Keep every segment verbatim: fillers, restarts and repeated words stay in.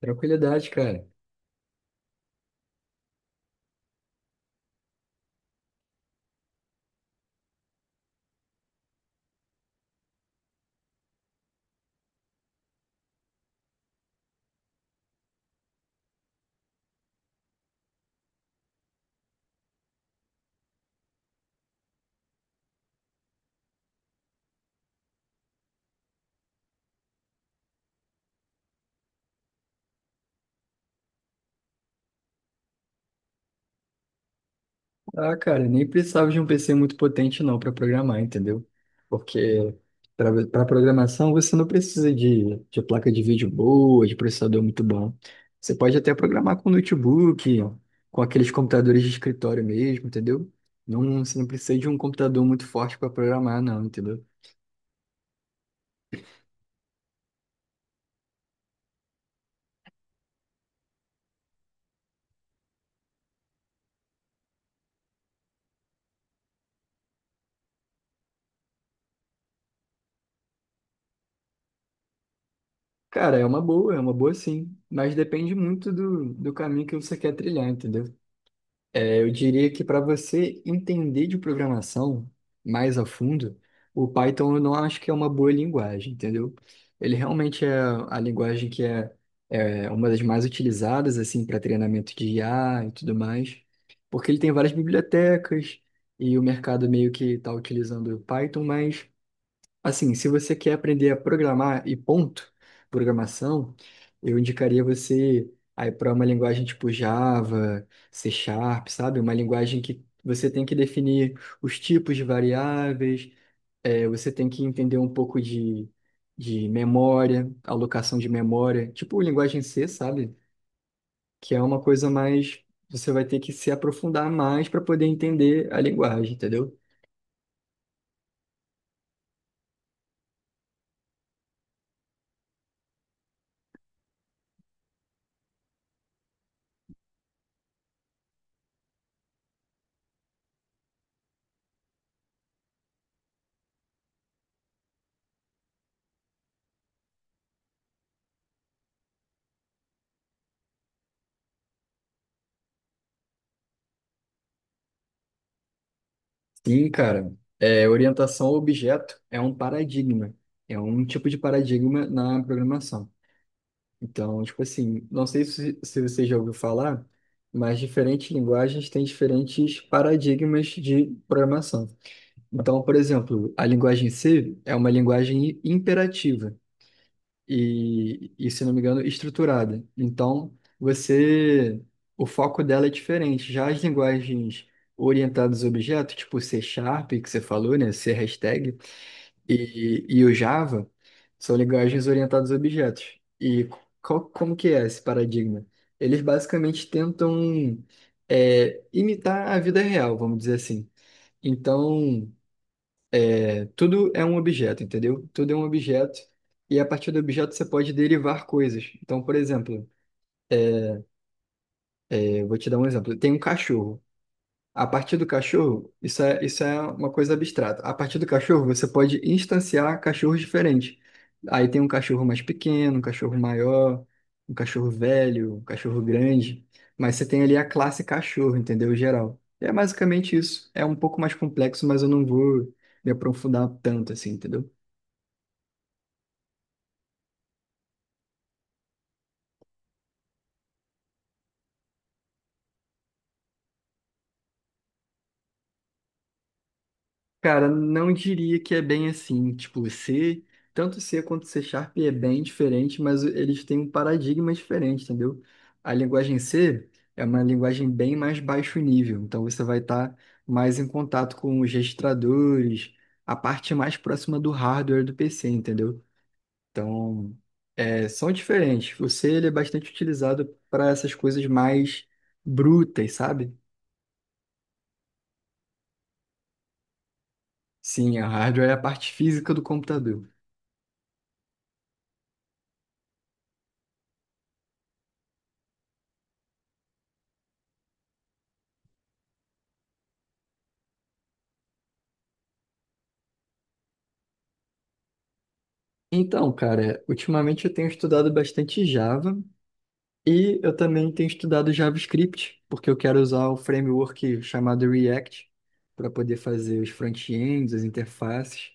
Tranquilidade, cara. Ah, cara, nem precisava de um P C muito potente não para programar, entendeu? Porque para programação você não precisa de, de placa de vídeo boa, de processador muito bom. Você pode até programar com notebook, com aqueles computadores de escritório mesmo, entendeu? Não, você não precisa de um computador muito forte para programar, não, entendeu? Cara, é uma boa, é uma boa sim, mas depende muito do, do caminho que você quer trilhar, entendeu? É, eu diria que para você entender de programação mais a fundo, o Python eu não acho que é uma boa linguagem, entendeu? Ele realmente é a linguagem que é, é uma das mais utilizadas assim para treinamento de I A e tudo mais, porque ele tem várias bibliotecas e o mercado meio que está utilizando o Python. Mas assim, se você quer aprender a programar e ponto, programação, eu indicaria você aí para uma linguagem tipo Java, C Sharp, sabe? Uma linguagem que você tem que definir os tipos de variáveis, é, você tem que entender um pouco de, de memória, alocação de memória, tipo linguagem C, sabe? Que é uma coisa mais, você vai ter que se aprofundar mais para poder entender a linguagem, entendeu? Sim, cara. É, orientação ao objeto é um paradigma. É um tipo de paradigma na programação. Então, tipo assim, não sei se, se você já ouviu falar, mas diferentes linguagens têm diferentes paradigmas de programação. Então, por exemplo, a linguagem C é uma linguagem imperativa e, e, se não me engano, estruturada. Então, você, o foco dela é diferente. Já as linguagens orientadas a objetos, tipo C Sharp, que você falou, né, C hashtag, e, e o Java, são linguagens orientadas a objetos. E qual, como que é esse paradigma? Eles basicamente tentam é, imitar a vida real, vamos dizer assim. Então, tudo é um objeto, entendeu? Tudo é um objeto. E a partir do objeto você pode derivar coisas. Então, por exemplo, é, eu vou te dar um exemplo. Tem um cachorro. A partir do cachorro, isso é, isso é uma coisa abstrata. A partir do cachorro, você pode instanciar cachorros diferentes. Aí tem um cachorro mais pequeno, um cachorro maior, um cachorro velho, um cachorro grande. Mas você tem ali a classe cachorro, entendeu? Geral. É basicamente isso. É um pouco mais complexo, mas eu não vou me aprofundar tanto assim, entendeu? Cara, não diria que é bem assim. Tipo, C, tanto C quanto C Sharp é bem diferente, mas eles têm um paradigma diferente, entendeu? A linguagem C é uma linguagem bem mais baixo nível, então você vai estar mais em contato com os registradores, a parte mais próxima do hardware do P C, entendeu? Então, é, são diferentes. O C ele é bastante utilizado para essas coisas mais brutas, sabe? Sim, a hardware é a parte física do computador. Então, cara, ultimamente eu tenho estudado bastante Java e eu também tenho estudado JavaScript, porque eu quero usar o framework chamado React para poder fazer os front-ends, as interfaces.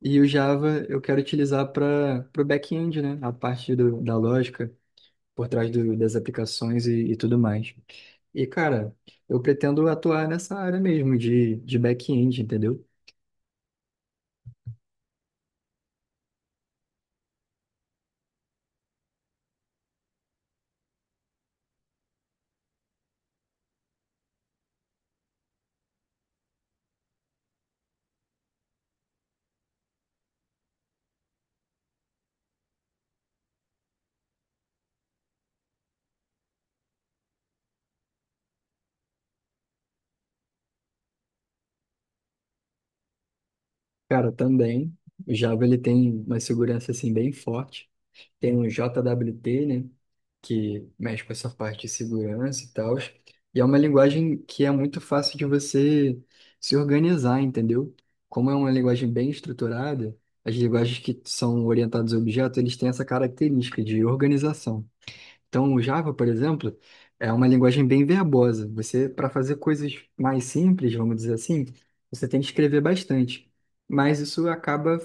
E o Java eu quero utilizar para o back-end, né? A parte do- da lógica por trás do- das aplicações e, e tudo mais. E, cara, eu pretendo atuar nessa área mesmo de, de back-end, entendeu? Cara, também, o Java ele tem uma segurança assim bem forte. Tem um J W T, né, que mexe com essa parte de segurança e tal. E é uma linguagem que é muito fácil de você se organizar, entendeu? Como é uma linguagem bem estruturada, as linguagens que são orientadas a objetos, eles têm essa característica de organização. Então, o Java, por exemplo, é uma linguagem bem verbosa. Você, para fazer coisas mais simples, vamos dizer assim, você tem que escrever bastante. Mas isso acaba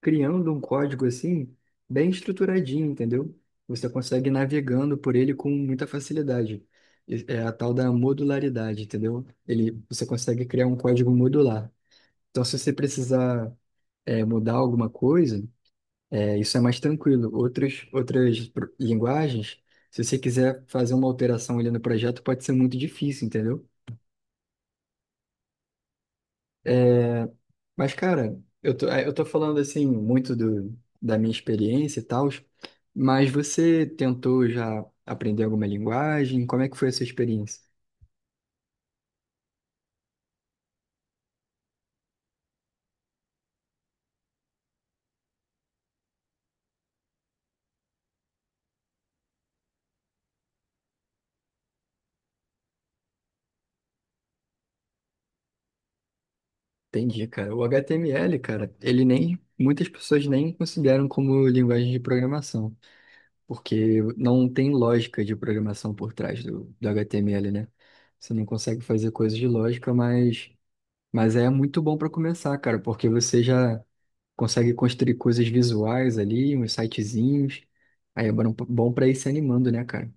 criando um código assim, bem estruturadinho, entendeu? Você consegue ir navegando por ele com muita facilidade. E- é a tal da modularidade, entendeu? Ele, você consegue criar um código modular. Então, se você precisar é, mudar alguma coisa, é, isso é mais tranquilo. Outras, outras pro- linguagens, se você quiser fazer uma alteração ali no projeto, pode ser muito difícil, entendeu? Mas, cara, eu tô, eh, eu tô falando assim muito do, da minha experiência e tal, mas você tentou já aprender alguma linguagem? Como é que foi a sua experiência? Entendi, cara. O H T M L, cara, ele nem, muitas pessoas nem consideram como linguagem de programação, porque não tem lógica de programação por trás do, do H T M L, né? Você não consegue fazer coisas de lógica, mas Mas é muito bom para começar, cara, porque você já consegue construir coisas visuais ali, uns sitezinhos. Aí é bom bom pra ir se animando, né, cara?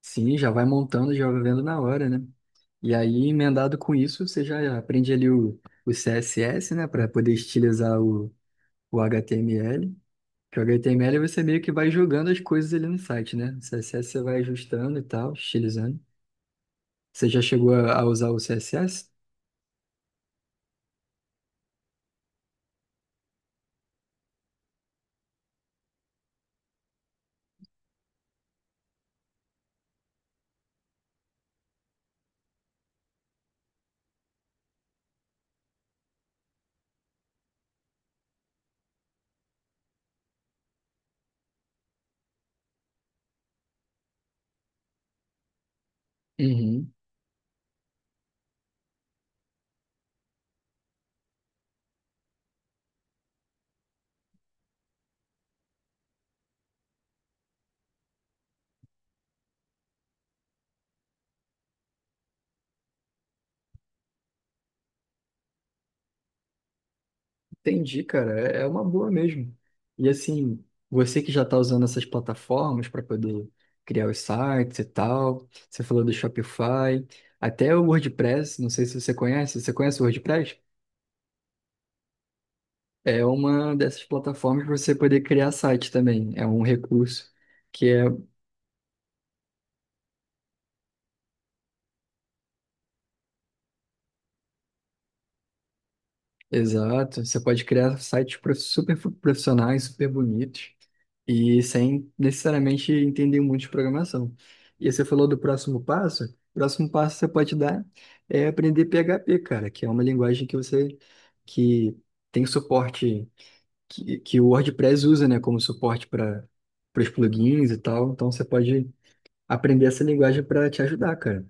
Sim, já vai montando, já vai vendo na hora, né? E aí, emendado com isso, você já aprende ali o, o C S S, né, para poder estilizar o, o H T M L. Que o H T M L você meio que vai jogando as coisas ali no site, né? O C S S você vai ajustando e tal, estilizando. Você já chegou a, a usar o C S S? Uhum. Entendi, cara. É é uma boa mesmo. E assim, você que já está usando essas plataformas para poder criar os sites e tal, você falou do Shopify, até o WordPress, não sei se você conhece. Você conhece o WordPress? É uma dessas plataformas para você poder criar site também. É um recurso que é exato. Você pode criar sites prof- super profissionais, super bonitos e sem necessariamente entender muito de programação. E você falou do próximo passo. O próximo passo que você pode dar é aprender P H P, cara, que é uma linguagem que você que tem suporte que, que o WordPress usa, né, como suporte para os plugins e tal. Então você pode aprender essa linguagem para te ajudar, cara.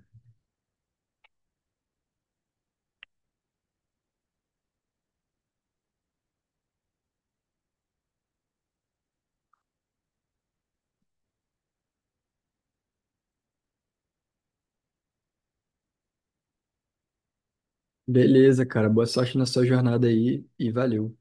Beleza, cara. Boa sorte na sua jornada aí e valeu.